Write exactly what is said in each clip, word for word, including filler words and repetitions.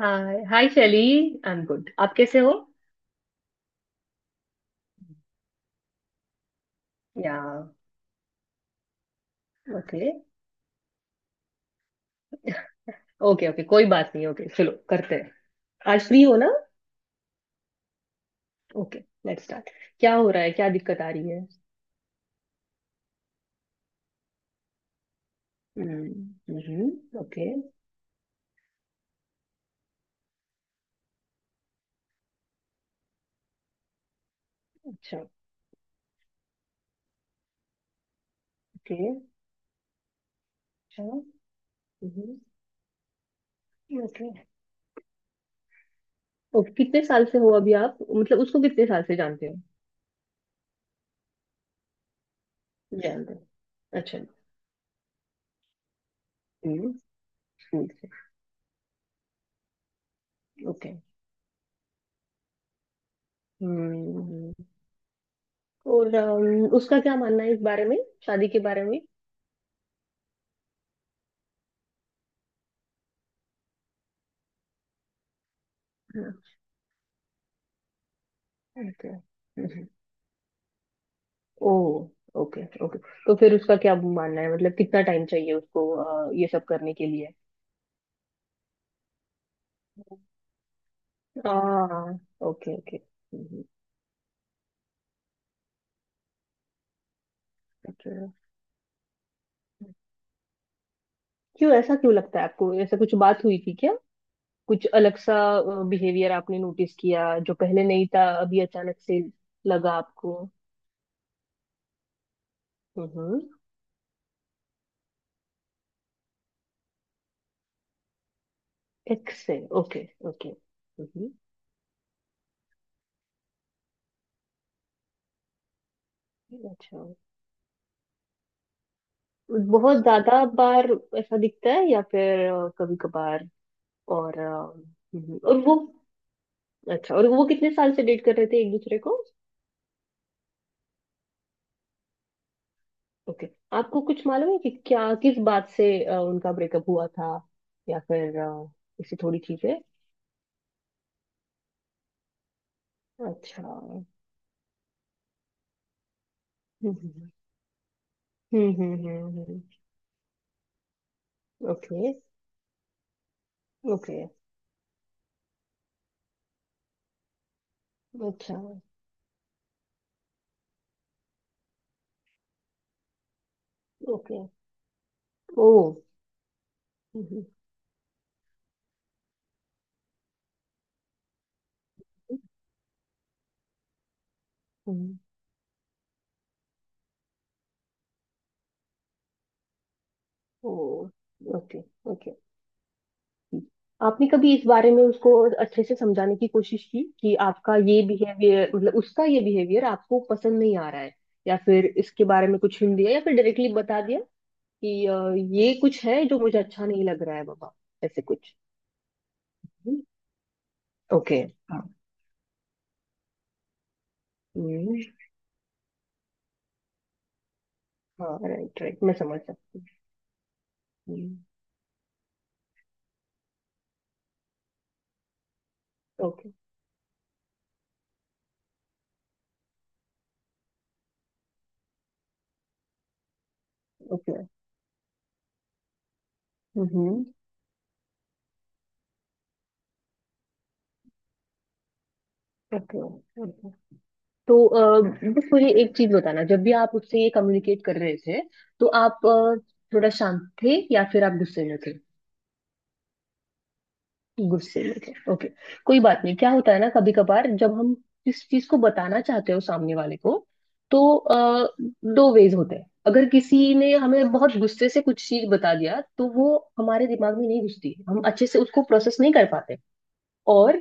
Hi hi Shaili. I am good, आप कैसे हो? या। ओके ओके ओके, कोई बात नहीं। ओके, चलो करते हैं। आज फ्री हो ना? Okay, let's start. क्या हो रहा है? क्या दिक्कत आ रही है? हम्म। ओके। अच्छा। ओके। अच्छा। हम्म। ओके ओके, कितने साल से हो अभी आप, मतलब उसको कितने साल से जानते हो? जानते हो। अच्छा। हम्म। स्कूल से। ओके। हम्म। और अम, उसका क्या मानना है इस बारे में? शादी के बारे में? हाँ। ओके। ओ, ओके ओके। तो फिर उसका क्या मानना है, मतलब कितना टाइम चाहिए उसको अ, ये सब करने के लिए? हाँ। ओके ओके, हम्म। अच्छा। क्यों? ऐसा क्यों लगता है आपको? ऐसा कुछ बात हुई थी क्या? कुछ अलग सा बिहेवियर आपने नोटिस किया जो पहले नहीं था, अभी अचानक से लगा आपको? हम्म। एक्स है, ओके। ओके। हम्म। अच्छा। बहुत ज्यादा बार ऐसा दिखता है या फिर कभी कभार? और अ, हम्म, और वो अच्छा, और वो कितने साल से डेट कर रहे थे एक दूसरे को? ओके। आपको कुछ मालूम है कि क्या, किस बात से अ, उनका ब्रेकअप हुआ था? या फिर अ, ऐसी थोड़ी चीजें? अच्छा। हम्म हम्म हम्म हम्म हम्म। ओके। ओके। अच्छा। ओके। ओ, हम्म, हम्म, हम्म। ओ, ओके ओके। आपने कभी इस बारे में उसको अच्छे से समझाने की कोशिश की कि आपका ये बिहेवियर मतलब उसका ये बिहेवियर आपको पसंद नहीं आ रहा है? या फिर इसके बारे में कुछ हिंट दिया या फिर डायरेक्टली बता दिया कि अ, ये कुछ है जो मुझे अच्छा नहीं लग रहा है बाबा, ऐसे कुछ? ओके। हाँ। हम्म। हाँ, राइट राइट, मैं समझ सकती हूँ। ओके। ओके। हम्म। ओके, तो अ, बस मुझे एक चीज बताना, जब भी आप उससे ये कम्युनिकेट कर रहे थे तो आप अ, थोड़ा शांत थे या फिर आप गुस्से में थे? गुस्से में थे। ओके, कोई बात नहीं। क्या होता है ना, कभी कभार जब हम किस चीज को बताना चाहते हो सामने वाले को, तो आ, दो वेज होते हैं। अगर किसी ने हमें बहुत गुस्से से कुछ चीज बता दिया तो वो हमारे दिमाग में नहीं घुसती, हम अच्छे से उसको प्रोसेस नहीं कर पाते। और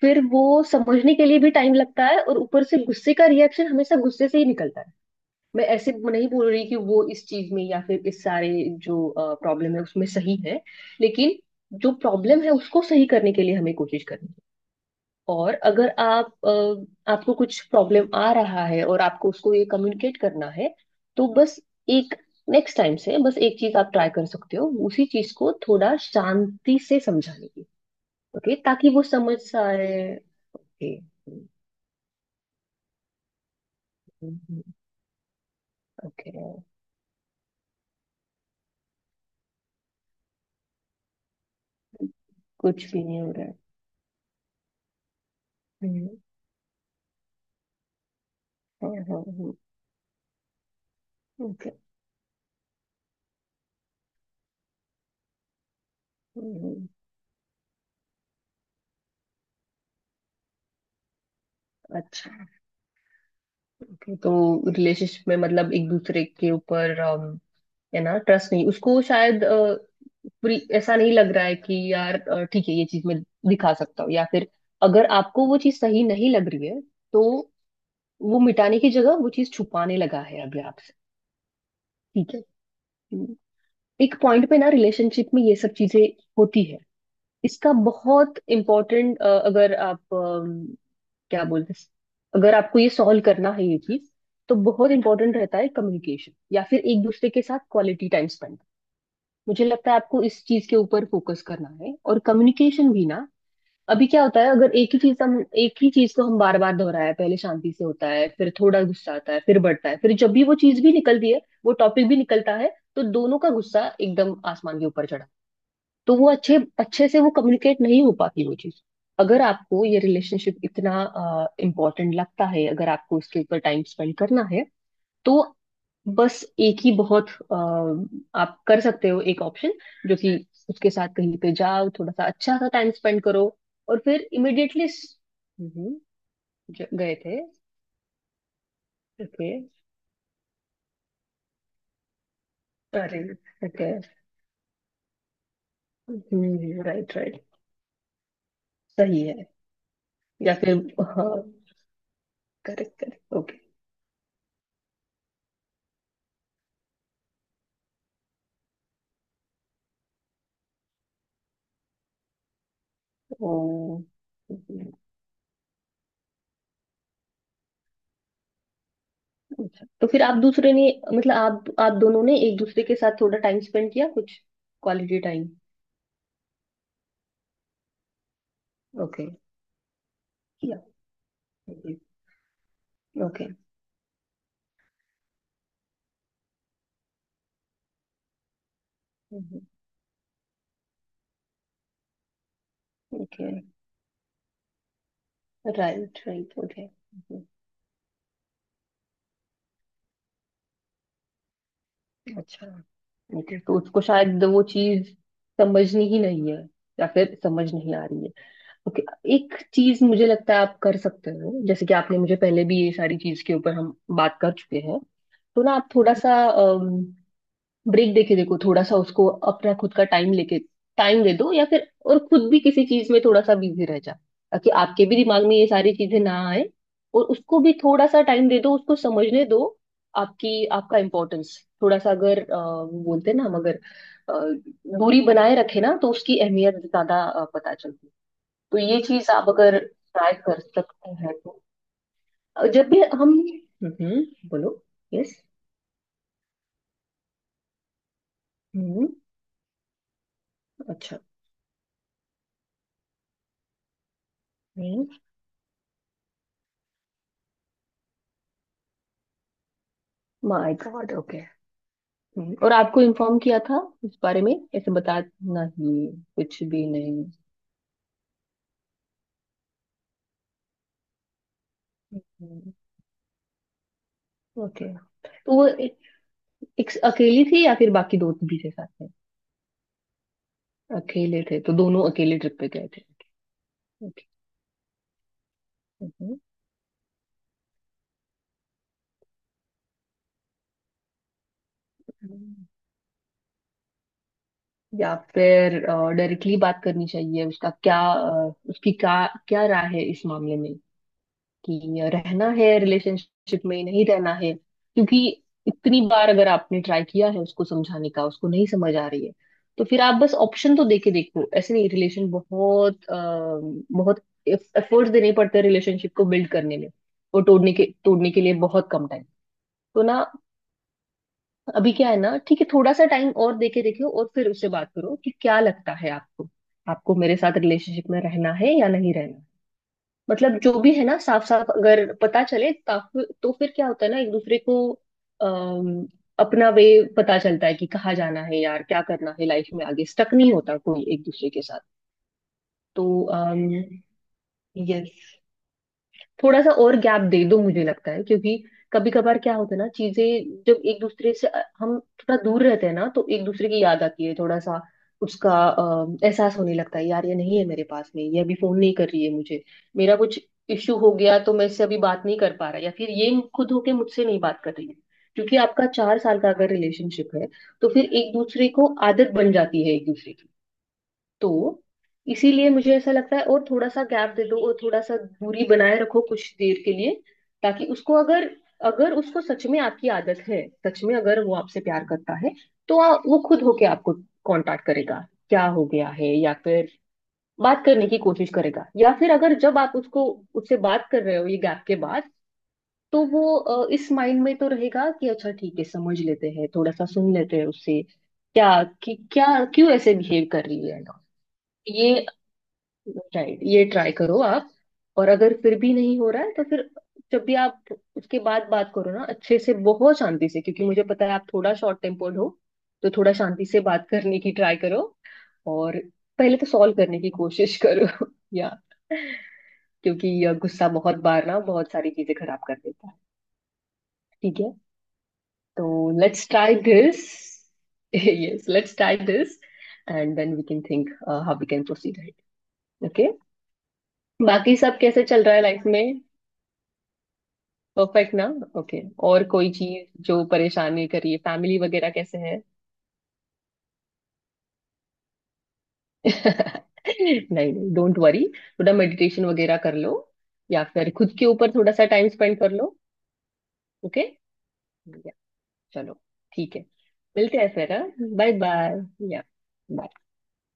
फिर वो समझने के लिए भी टाइम लगता है, और ऊपर से गुस्से का रिएक्शन हमेशा गुस्से से ही निकलता है। मैं ऐसे नहीं बोल रही कि वो इस चीज में या फिर इस सारे जो प्रॉब्लम है उसमें सही है, लेकिन जो प्रॉब्लम है उसको सही करने के लिए हमें कोशिश करनी है। और अगर आप अ, आपको कुछ प्रॉब्लम आ रहा है और आपको उसको ये कम्युनिकेट करना है, तो बस एक, नेक्स्ट टाइम से बस एक चीज आप ट्राई कर सकते हो, उसी चीज को थोड़ा शांति से समझाने की। ओके, ताकि वो समझ आए। ओके। ओके, कुछ भी नहीं हो रहा है। हम्म, हाँ हाँ हाँ हाँ। हम्म। अच्छा, ओके, तो रिलेशनशिप में मतलब एक दूसरे के ऊपर अम, है ना, ट्रस्ट नहीं उसको शायद अ, पूरी, ऐसा नहीं लग रहा है कि यार अ, ठीक है ये चीज मैं दिखा सकता हूँ या फिर, अगर आपको वो चीज सही नहीं लग रही है तो वो मिटाने की जगह वो चीज छुपाने लगा है अभी आपसे। ठीक है। हम्म, एक पॉइंट पे ना रिलेशनशिप में ये सब चीजें होती है। इसका बहुत इम्पोर्टेंट, अगर आप क्या बोलते हैं, अगर आपको ये सॉल्व करना है ये चीज, तो बहुत इंपॉर्टेंट रहता है कम्युनिकेशन या फिर एक दूसरे के साथ क्वालिटी टाइम स्पेंड। मुझे लगता है आपको इस चीज के ऊपर फोकस करना है और कम्युनिकेशन भी ना। अभी क्या होता है, अगर एक ही चीज हम एक ही चीज को हम बार बार दोहराया, पहले शांति से होता है फिर थोड़ा गुस्सा आता है फिर बढ़ता है, फिर जब भी वो चीज भी निकलती है वो टॉपिक भी निकलता है तो दोनों का गुस्सा एकदम आसमान के ऊपर चढ़ा, तो वो अच्छे अच्छे से वो कम्युनिकेट नहीं हो पाती वो चीज। अगर आपको ये रिलेशनशिप इतना इम्पोर्टेंट लगता है, अगर आपको इसके ऊपर टाइम स्पेंड करना है, तो बस एक ही बहुत अ, आप कर सकते हो, एक ऑप्शन जो कि उसके साथ कहीं पे जाओ थोड़ा सा अच्छा सा टाइम स्पेंड करो, और फिर इमिडिएटली गए थे? ओके। अरे, ओके। राइट राइट, सही है। या फिर हाँ, करेक्ट करेक्ट, ओके। ओ, हम्म। अच्छा, तो फिर आप दूसरे ने मतलब आप आप दोनों ने एक दूसरे के साथ थोड़ा टाइम स्पेंड किया, कुछ क्वालिटी टाइम? ओके। किया। Okay. Okay. Right right, okay. अच्छा। ओके, तो उसको शायद वो चीज समझनी ही नहीं है या फिर समझ नहीं आ रही है। ओके। एक चीज मुझे लगता है आप कर सकते हो, जैसे कि आपने मुझे पहले भी ये सारी चीज के ऊपर हम बात कर चुके हैं, तो ना आप थोड़ा सा ब्रेक देके देखो, थोड़ा सा उसको अपना खुद का टाइम लेके टाइम दे दो, या फिर और खुद भी किसी चीज में थोड़ा सा बिजी रह जा ताकि आपके भी दिमाग में ये सारी चीजें ना आए, और उसको भी थोड़ा सा टाइम दे दो, उसको समझने दो आपकी, आपका इम्पोर्टेंस। थोड़ा सा, अगर अ, वो बोलते हैं ना, हम अगर अ, दूरी बनाए रखे ना तो उसकी अहमियत ज्यादा अ, पता चलती है। तो ये चीज आप अगर ट्राई कर सकते हैं तो। अ, जब भी हम, हम्म, बोलो। यस। हम्म। अच्छा। My god, okay. हम्म, और आपको इन्फॉर्म किया था इस बारे में, ऐसे बताना ही? कुछ भी नहीं? हम्म। ओके, तो वो ए- एक अकेली थी या फिर बाकी दो भी थे साथ में? अकेले थे? तो दोनों अकेले ट्रिप पे गए थे। ओके। हम्म। हम्म। या फिर डायरेक्टली बात करनी चाहिए, उसका क्या अ, उसकी क्या, क्या राय है इस मामले में, कि रहना है रिलेशनशिप में, नहीं रहना है? क्योंकि इतनी बार अगर आपने ट्राई किया है उसको समझाने का उसको नहीं समझ आ रही है, तो फिर आप बस ऑप्शन तो देके देखो। ऐसे नहीं, रिलेशन बहुत अ, बहुत एफर्ट्स देने पड़ते हैं रिलेशनशिप को बिल्ड करने में, और तोड़ने के तोड़ने के लिए बहुत कम टाइम। तो ना, अभी क्या है ना, ठीक है, थोड़ा सा टाइम और देके देखो और फिर उससे बात करो कि क्या लगता है आपको, आपको मेरे साथ रिलेशनशिप में रहना है या नहीं रहना। मतलब जो भी है ना, साफ साफ अगर पता चले ताफ- तो फिर क्या होता है ना, एक दूसरे को अम, अपना वे पता चलता है कि कहाँ जाना है यार, क्या करना है लाइफ में आगे, स्टक नहीं होता कोई एक दूसरे के साथ। तो यस, थोड़ा सा और गैप दे दो मुझे लगता है, क्योंकि कभी कभार क्या होता है ना, चीजें जब एक दूसरे से अ, हम थोड़ा दूर रहते हैं ना तो एक दूसरे की याद आती है थोड़ा सा, उसका अ, एहसास होने लगता है, यार ये नहीं है मेरे पास में, ये अभी फोन नहीं कर रही है मुझे, मेरा कुछ इश्यू हो गया तो मैं इससे अभी बात नहीं कर पा रहा, या फिर ये खुद होके मुझसे नहीं बात कर रही है। क्योंकि आपका चार साल का अगर रिलेशनशिप है, तो फिर एक दूसरे को आदत बन जाती है एक दूसरे की, तो इसीलिए मुझे ऐसा लगता है और थोड़ा सा गैप दे दो और थोड़ा सा दूरी बनाए रखो कुछ देर के लिए। ताकि उसको अगर, अगर उसको सच में आपकी आदत है, सच में अगर वो आपसे प्यार करता है, तो आ, वो खुद होके आपको कांटेक्ट करेगा, क्या हो गया है, या फिर बात करने की कोशिश करेगा। या फिर अगर जब आप उसको, उससे बात कर रहे हो ये गैप के बाद, तो वो अ, इस माइंड में तो रहेगा कि अच्छा ठीक है, समझ लेते हैं, थोड़ा सा सुन लेते हैं उससे क्या कि क्या क्यों ऐसे बिहेव कर रही है ना। ये राइट, ये ट्राई करो आप। और अगर फिर भी नहीं हो रहा है तो फिर, जब भी आप उसके बाद बात करो ना, अच्छे से बहुत शांति से, क्योंकि मुझे पता है आप थोड़ा शॉर्ट टेम्पर्ड हो, तो थोड़ा शांति से बात करने की ट्राई करो। और पहले तो सॉल्व करने की कोशिश करो। या, क्योंकि यह गुस्सा बहुत बार ना बहुत सारी चीजें खराब कर देता है। ठीक है? तो let's try this. Yes, let's try this, and then we can think how we can proceed. Okay. बाकी सब कैसे चल रहा है लाइफ में? परफेक्ट ना? ओके, और कोई चीज जो परेशान नहीं करिए, फैमिली वगैरह कैसे है? नहीं नहीं, डोंट वरी, थोड़ा मेडिटेशन वगैरह कर लो या फिर खुद के ऊपर थोड़ा सा टाइम स्पेंड कर लो। ओके। या, चलो, ठीक है, मिलते हैं फिर। Bye bye. या। bye।